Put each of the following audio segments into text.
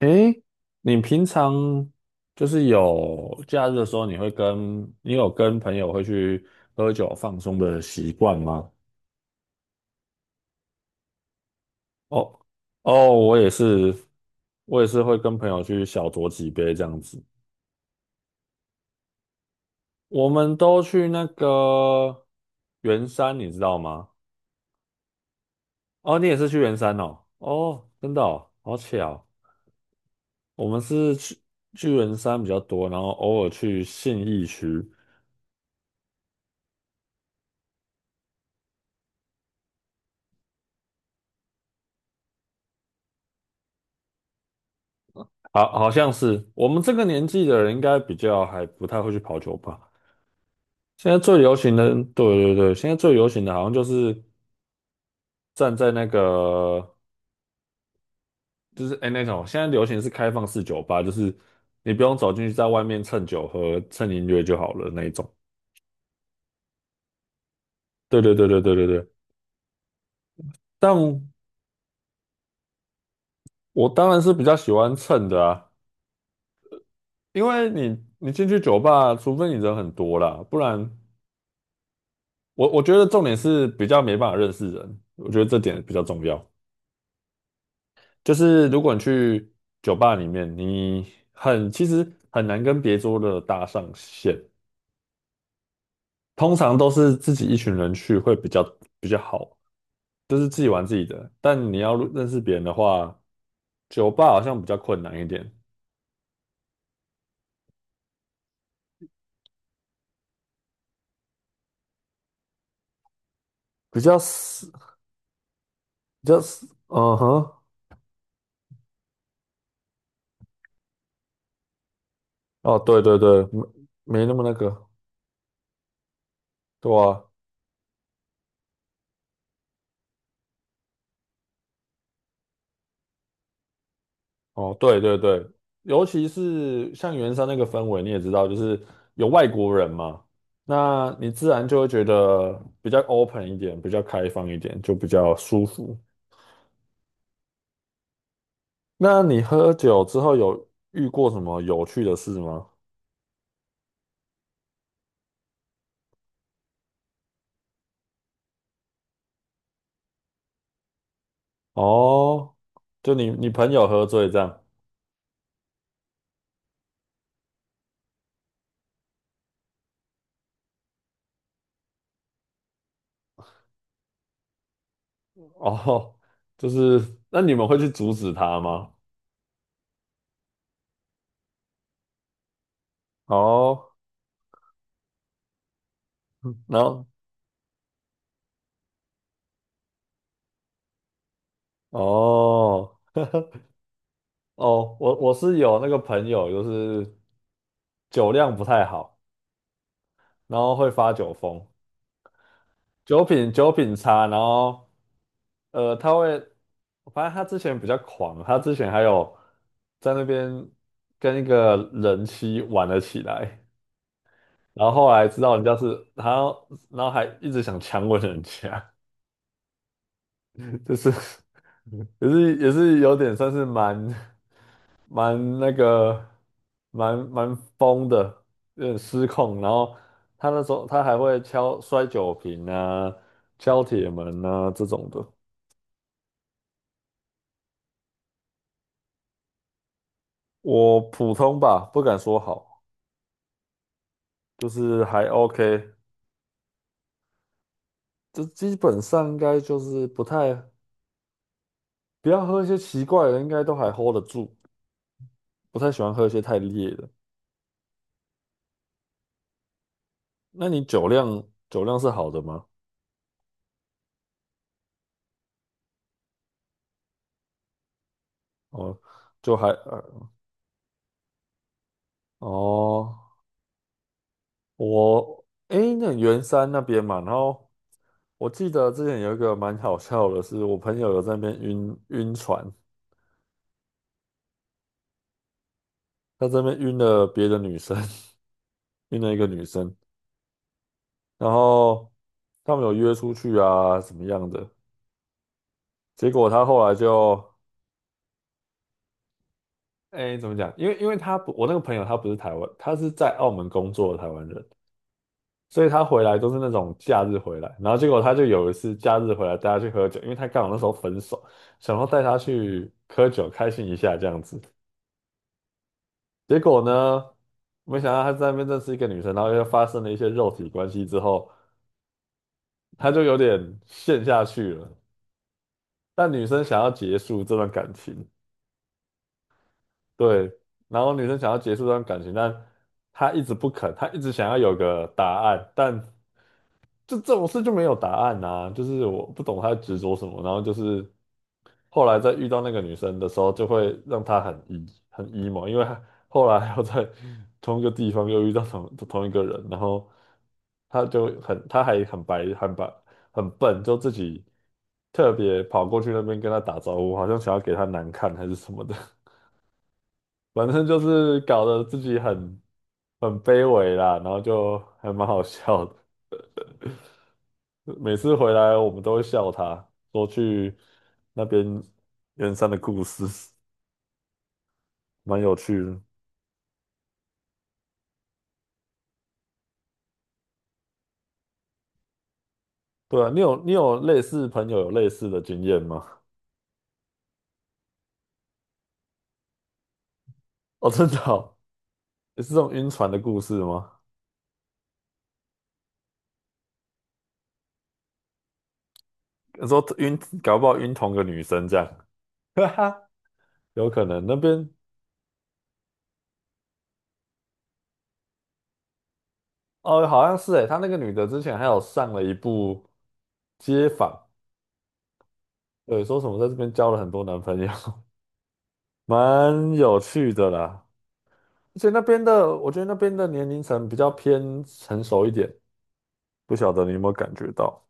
诶，你平常就是有假日的时候，你会跟你有跟朋友会去喝酒放松的习惯吗？哦哦，我也是，会跟朋友去小酌几杯这样子。我们都去那个圆山，你知道吗？哦，你也是去圆山哦？哦，真的哦，好巧。我们是去圆山比较多，然后偶尔去信义区。好，好像是我们这个年纪的人，应该比较还不太会去跑酒吧。现在最流行的，对对对，现在最流行的好像就是站在那个，就是哎、那种，现在流行是开放式酒吧，就是你不用走进去，在外面蹭酒喝、蹭音乐就好了那一种。对对对对对对对。但我当然是比较喜欢蹭的啊，因为你进去酒吧，除非你人很多啦，不然我觉得重点是比较没办法认识人，我觉得这点比较重要。就是如果你去酒吧里面，你很其实很难跟别桌的搭上线，通常都是自己一群人去会比较，就是自己玩自己的。但你要认识别人的话，酒吧好像比较困难一点，比较死，比较死，嗯哼，哦，对对对，没那么那个，对啊，哦，对对对，尤其是像圆山那个氛围，你也知道，就是有外国人嘛，那你自然就会觉得比较 open 一点，比较开放一点，就比较舒服。那你喝酒之后有遇过什么有趣的事吗？哦，就你朋友喝醉这样，哦，就是那你们会去阻止他吗？哦，然后哦哦，我是有那个朋友，就是酒量不太好。然后会发酒疯，酒品酒品差，然后他会，发现他之前比较狂，他之前还有在那边跟一个人妻玩了起来，然后后来知道人家是然后还一直想强吻人家，就是也是有点算是蛮蛮那个蛮疯的，有点失控。然后他那时候他还会敲摔酒瓶啊、敲铁门啊这种的。我普通吧，不敢说好，就是还 OK。这基本上应该就是不太不要喝一些奇怪的，应该都还 hold 得住。不太喜欢喝一些太烈的。那你酒量是好的吗？哦，就还。哦，我诶，那圆山那边嘛，然后我记得之前有一个蛮好笑的是，我朋友有在那边晕船，他这边晕了别的女生，晕了一个女生，然后他们有约出去啊，怎么样的？结果他后来就诶，怎么讲？因为他不，我那个朋友他不是台湾，他是在澳门工作的台湾人。所以他回来都是那种假日回来，然后结果他就有一次假日回来带他去喝酒，因为他刚好那时候分手，想要带他去喝酒开心一下这样子。结果呢，没想到他在那边认识一个女生，然后又发生了一些肉体关系之后，他就有点陷下去了。但女生想要结束这段感情，对，然后女生想要结束这段感情，但他一直不肯，他一直想要有个答案，但就这种事就没有答案呐、就是我不懂他在执着什么，然后就是后来在遇到那个女生的时候，就会让他很 emo,因为他后来又在同一个地方又遇到同一个人，然后他就很他还很白很白很笨，就自己特别跑过去那边跟他打招呼，好像想要给他难看还是什么的，反正就是搞得自己很很卑微啦，然后就还蛮好笑的。每次回来我们都会笑他，说去那边圆山的故事，蛮有趣的。对啊，你有类似朋友有类似的经验吗？哦，真的哦，也是这种晕船的故事吗？说晕，搞不好晕同个女生这样，哈哈，有可能那边哦，好像是诶，他那个女的之前还有上了一部街访，对，说什么在这边交了很多男朋友，蛮有趣的啦。而且那边的，我觉得那边的年龄层比较偏成熟一点，不晓得你有没有感觉到？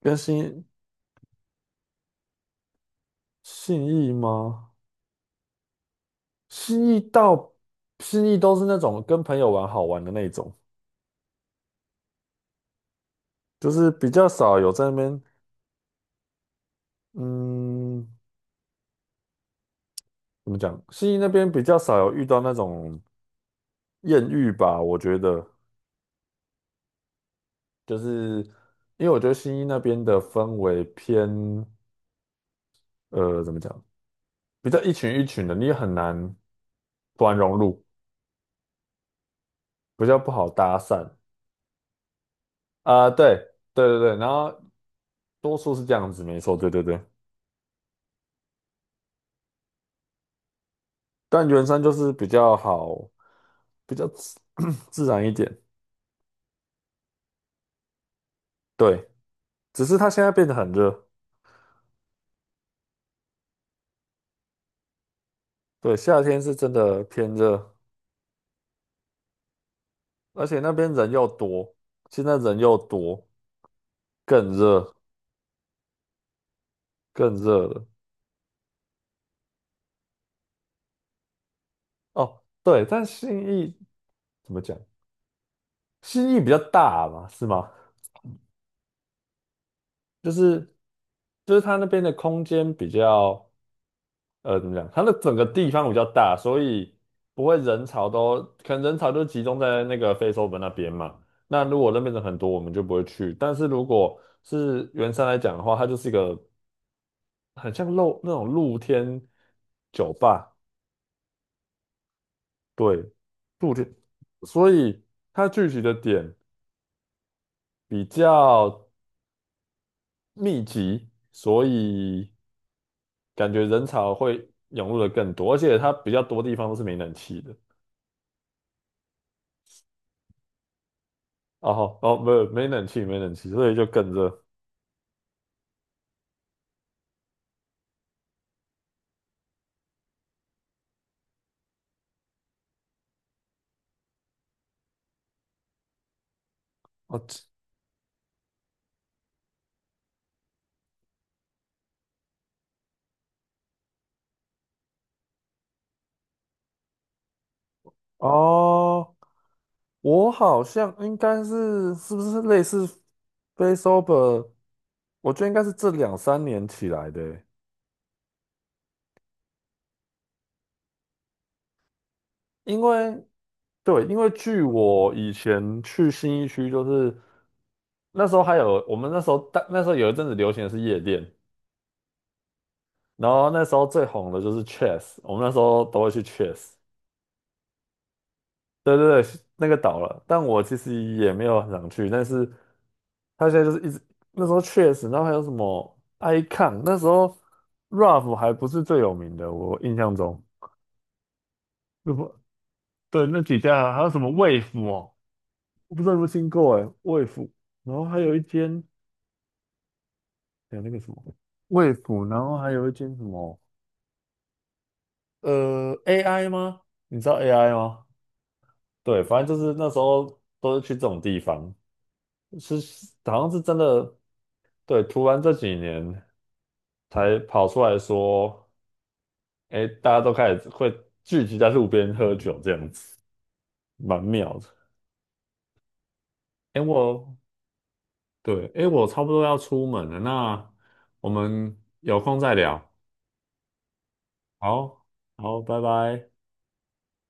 跟信义吗？信义到信义都是那种跟朋友玩好玩的那种，就是比较少有在那边，嗯，怎么讲？信义那边比较少有遇到那种艳遇吧，我觉得，就是因为我觉得信义那边的氛围偏，呃，怎么讲？比较一群一群的，你也很难突然融入。比较不好搭讪啊、对对对对，然后多数是这样子，没错，对对对。但圆山就是比较好，比较自 自然一点，对。只是它现在变得很热，对，夏天是真的偏热，而且那边人又多，现在人又多，更热，更热了。哦，对，但信义怎么讲？信义比较大嘛，是吗？就是就是它那边的空间比较。呃，怎么讲？它的整个地方比较大，所以不会人潮都，可能人潮就集中在那个非洲本那边嘛。那如果那边人很多，我们就不会去。但是如果是圆山来讲的话，它就是一个很像那种露天酒吧，对，露天，所以它聚集的点比较密集，所以感觉人潮会涌入的更多，而且它比较多地方都是没冷气的。哦好哦，没有没冷气，没冷气，所以就更热。哦这哦，我好像应该是是不是类似 Face Sober?我觉得应该是这两三年起来的欸因为对，因为据我以前去新一区，就是那时候还有我们那时候有一阵子流行的是夜店，然后那时候最红的就是 Chess,我们那时候都会去 Chess。对对对，那个倒了，但我其实也没有很想去，但是他现在就是一直那时候确实，然后还有什么 Icon,那时候 Ruff 还不是最有名的，我印象中，那不对，那几家还有什么 Wave 哦，我不知道有没有听过哎，Wave,然后还有一间还有那个什么 Wave,然后还有一间什么AI 吗？你知道 AI 吗？对，反正就是那时候都是去这种地方，是好像是真的，对，突然这几年才跑出来说，哎，大家都开始会聚集在路边喝酒这样子，蛮妙的。哎，我对，哎，我差不多要出门了，那我们有空再聊。好，好，拜拜。